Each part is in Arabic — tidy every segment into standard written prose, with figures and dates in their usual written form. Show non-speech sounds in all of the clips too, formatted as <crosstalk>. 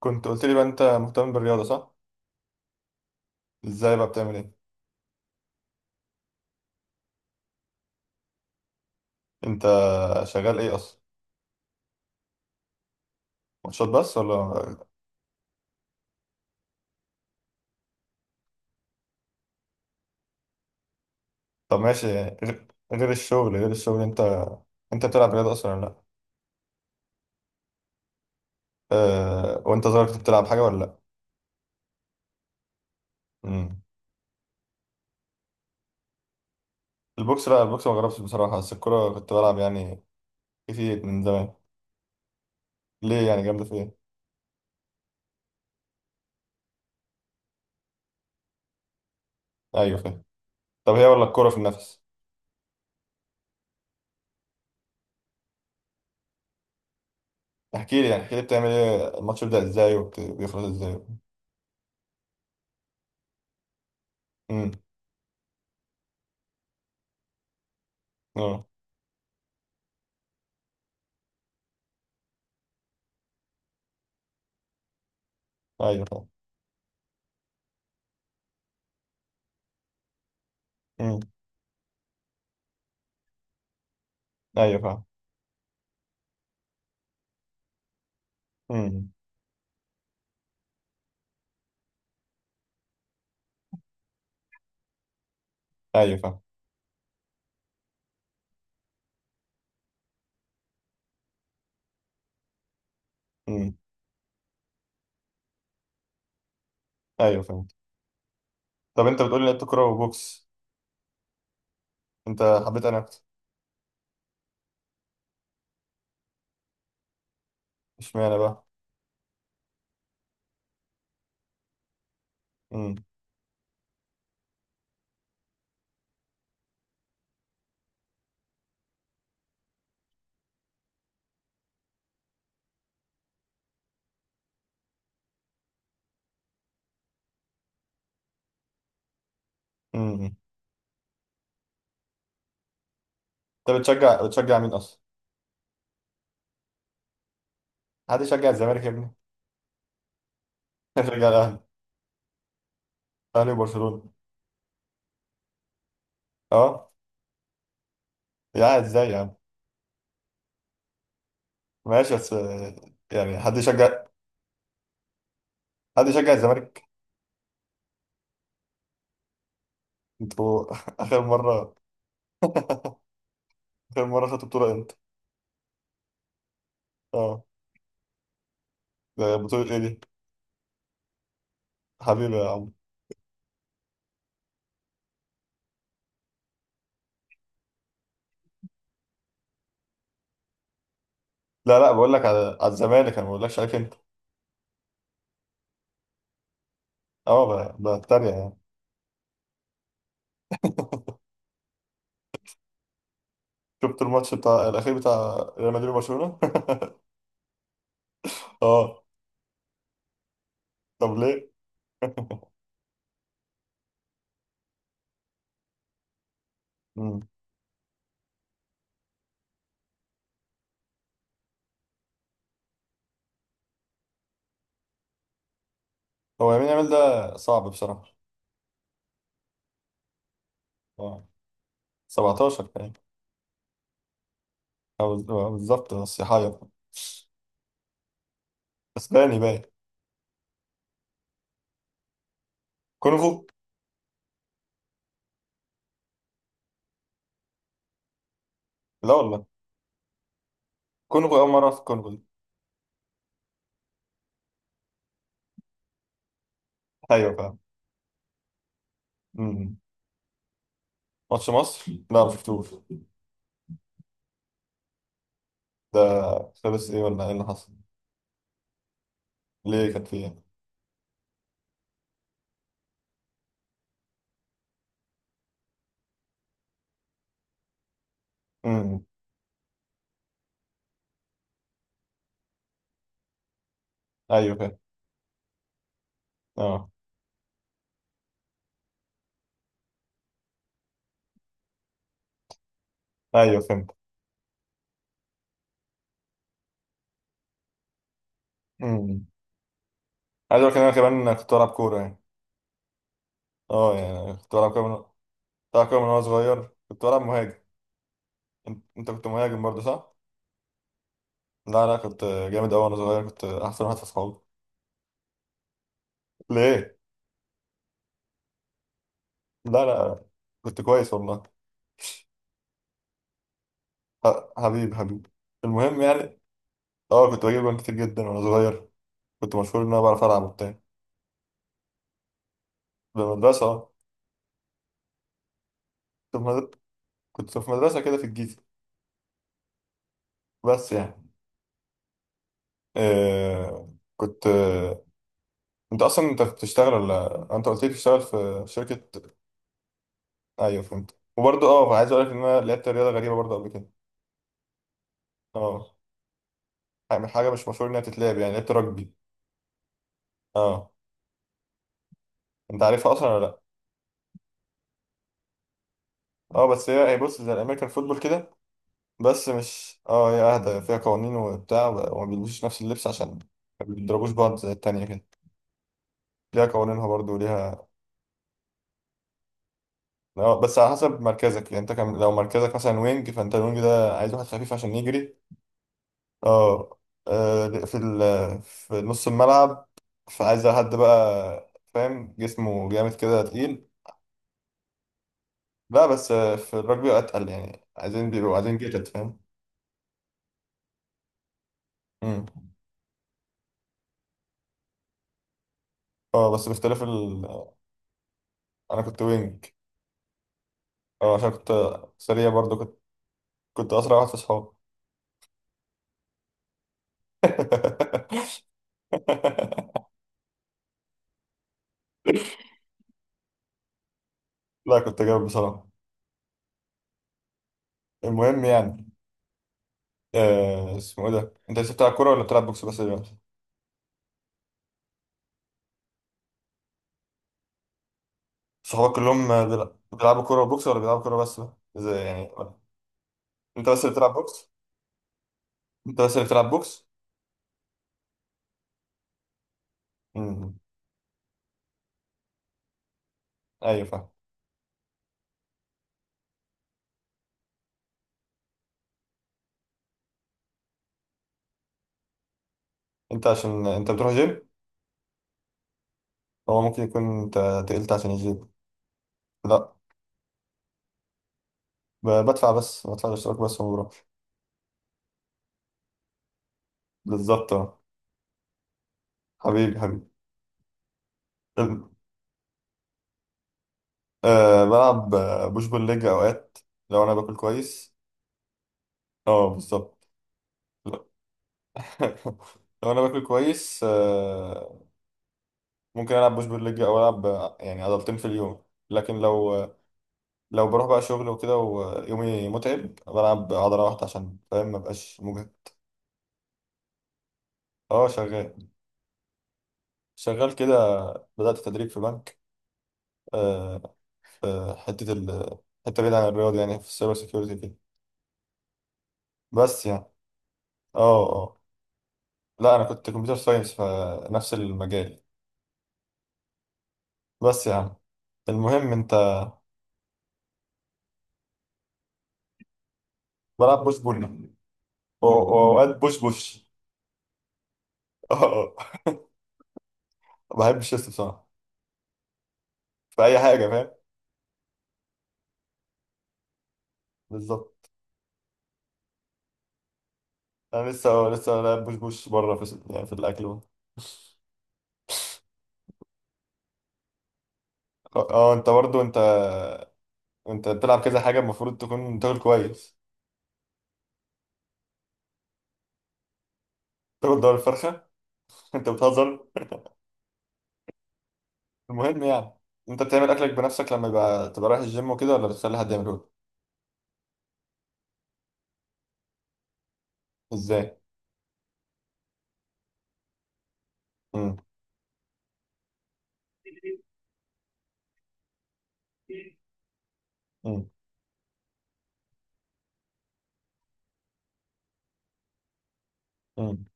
كنت قلت لي بقى انت مهتم بالرياضة، صح؟ ازاي بقى بتعمل ايه؟ انت شغال ايه اصلا؟ ماتشات بس ولا؟ طب ماشي، غير غير الشغل انت بتلعب رياضة اصلا ولا لا؟ وانت صغير كنت بتلعب حاجة ولا لا؟ مم. البوكس، لا، البوكس ما جربتش بصراحة، بس الكورة كنت بلعب يعني كتير من زمان. ليه يعني جامدة في ايه؟ ايوه، فاهم. طب هي ولا الكورة في النفس؟ احكي لي بتعمل ايه، الماتش بيبدأ ازاي وبيخلص ازاي؟ امم. اه. ايوه، فاهم. امم. ايوه، فاهم. امم. ايوه، فاهم. ايوه، فهمت. طب انت بتقول لي لعبت كوره وبوكس. انت حبيت انا اكتر. اشمعنى بقى؟ امم. امم. امم. انت بتشجع مين اصلا؟ حد يشجع الزمالك يا ابني؟ <laughs> بشجع الاهلي، الاهلي وبرشلونه. اه. يا ازاي يا عم؟ ماشي بس يعني حد يشجع الزمالك؟ انتوا <laughs> اخر مره اخر مره خدتوا بطوله امتى؟ اه. ده بطوله ايه دي؟ حبيبي يا عم. لا، لا، بقول لك على الزمالك، انا ما بقولكش عليك انت. اه. بتريق يعني. شفت الماتش بتاع الاخير بتاع ريال مدريد وبرشلونه <laughs> اه. طب ليه؟ مم. هو يمين يامال ده صعب بصراحة. هو 17 كمان. أو بالظبط، بس يحير. اسباني باين. كونغو؟ لا والله. كونغو أول مرة، في كونغو دي؟ أيوة، فاهم. مم. ماتش مصر؟ لا، ما شفتوش. ده خلص إيه، ولا إيه اللي حصل؟ ليه، كان فيه؟ امم. أيوة، فاهم. أه. أيوة، فهمت. امم. عايز أقول لك إن أنا كمان كنت بلعب كورة يعني. يعني كنت بلعب كورة من، بلعب كورة من وأنا صغير كنت بلعب مهاجم. أنت كنت مهاجم برضه، صح؟ لا، لا، كنت جامد أوي وأنا صغير، كنت أحسن واحد في أصحابي. ليه؟ لا، لا، كنت كويس والله. حبيبي، حبيبي. المهم يعني. اه، كنت بجيب جوان كتير جدا وانا صغير. كنت مشهور ان انا بعرف العب وبتاع، في المدرسة. اه. كنت في مد- كنت في مدرسة كده في الجيزة، بس يعني آه كنت آه انت اصلا انت بتشتغل، ولا انت قلت لي بتشتغل في شركة؟ ايوه، فهمت. وبرضه اه، عايز اقول لك ان انا لعبت رياضة غريبة برضه قبل كده. اه، يعني حاجة مش مشهور انها تتلعب يعني، لعبت رugby. اه. انت عارفها اصلا ولا لا؟ اه، بس هي بص زي الامريكان فوتبول كده، بس مش، هي اهدى، فيها قوانين وبتاع، وما بيلبسوش نفس اللبس عشان ما بيضربوش بعض زي التانية كده، ليها قوانينها برضو ليها. بس على حسب مركزك يعني، انت كان لو مركزك مثلا وينج، فانت الوينج ده عايز واحد خفيف عشان يجري. اه. في نص الملعب فعايز حد بقى، فاهم، جسمه جامد كده تقيل. لا، بس في الرجبي اتقل، يعني عايزين بيبقوا عايزين جيتد، فاهم. مم. اه، بس باختلاف انا كنت وينج. اه، عشان كنت سريع برضو، كنت اسرع واحد في اصحابي. <laughs> لا، كنت جامد بصراحه. المهم يعني. اسمه ايه ده، انت لسه بتلعب كوره ولا بتلعب بوكس بس دلوقتي؟ صحابك كلهم بيلعبوا كوره وبوكس، ولا بيلعبوا كوره بس بقى؟ زي يعني، انت بس اللي بتلعب بوكس؟ انت بس اللي بتلعب بوكس. امم. ايوه، فاهم. انت عشان انت بتروح جيم، هو ممكن يكون انت تقلت عشان الجيم. لا، بدفع بس، بدفع الاشتراك بس وما بروحش. بالظبط. اه. حبيبي، حبيبي. بلعب بوش بول ليج اوقات، لو انا باكل كويس. اه، بالظبط. <laughs> لو انا باكل كويس، أه، ممكن العب بوش بول ليج، او العب يعني عضلتين في اليوم. لكن لو بروح بقى شغل وكده ويومي متعب، بلعب عضله واحده عشان، فاهم، ما بقاش مجهد. اه، شغال. شغال كده، بدات تدريب في بنك. أه، في حته بعيده عن الرياضه، يعني في السايبر سيكيورتي كده. بس يعني. اه، اه. لا، انا كنت كمبيوتر ساينس، فنفس المجال. بس يا عم. المهم انت. بلعب بوش بول واوقات بوش بوش. <laughs> اه. أه. ما بحبش الشيست بصراحه، في اي حاجه، فاهم. بالظبط. انا لسه لاعب بوش بوش بره، في الاكل بقى. اه، اه، انت برضو، انت بتلعب كذا حاجه، المفروض تكون تاكل كويس. تاكل دور الفرخه؟ <laughs> انت بتهزر. المهم يعني. انت بتعمل اكلك بنفسك لما تبقى رايح الجيم وكده، ولا بتخلي حد يعمله؟ ازاي؟ امم. امم. امم.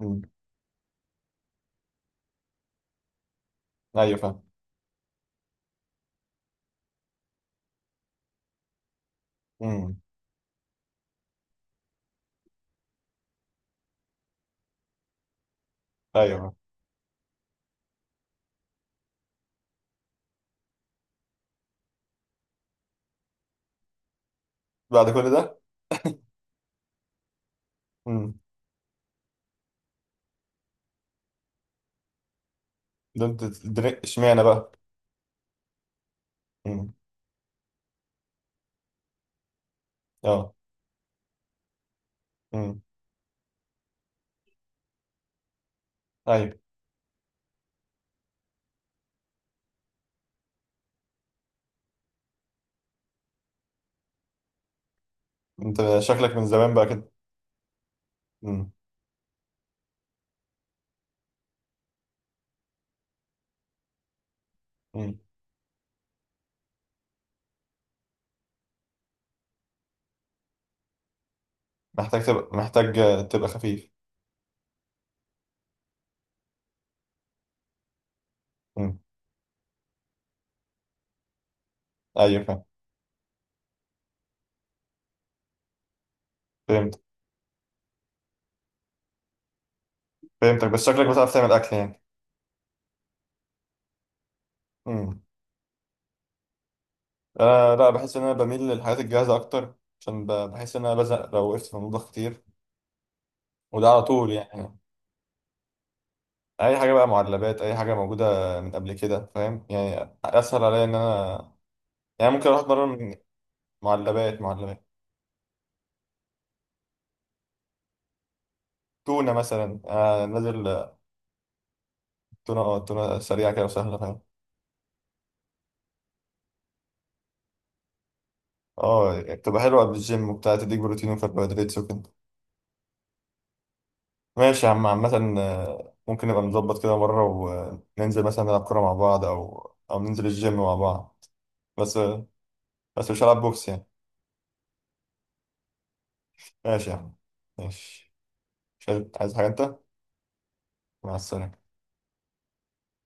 امم. ايوه، فاهم. امم. ايوه، فاهم. بعد كل ده؟ إمم. دولت درينك؟ اشمعنى بقى؟ مم. اه. مم. طيب. انت شكلك من زمان بقى كده. مم. مم. محتاج تبقى خفيف. مم. ايوه، فاهم. فهمت. فهمتك، بس شكلك بتعرف تعمل اكل يعني. مم. انا لا، بحس ان انا بميل للحاجات الجاهزه اكتر، عشان بحس ان انا بزهق لو وقفت في المطبخ كتير، وده على طول يعني. اي حاجه بقى، معلبات، اي حاجه موجوده من قبل كده، فاهم، يعني اسهل عليا ان انا، يعني ممكن اروح اتمرن من، معلبات. معلبات. تونه مثلا نازل. تونة، اه، تونة سريعة كده وسهلة، فاهم. اه، يعني بتبقى حلوة قبل الجيم وبتاع، تديك بروتين وكربوهيدرات وكده. ماشي يا عم. عامة ممكن نبقى نظبط كده مرة وننزل مثلا نلعب كورة مع بعض، أو ننزل الجيم مع بعض. بس بس مش هلعب بوكس يعني. ماشي يا عم. ماشي. مش عايز. عايز حاجة أنت؟ مع السلامة.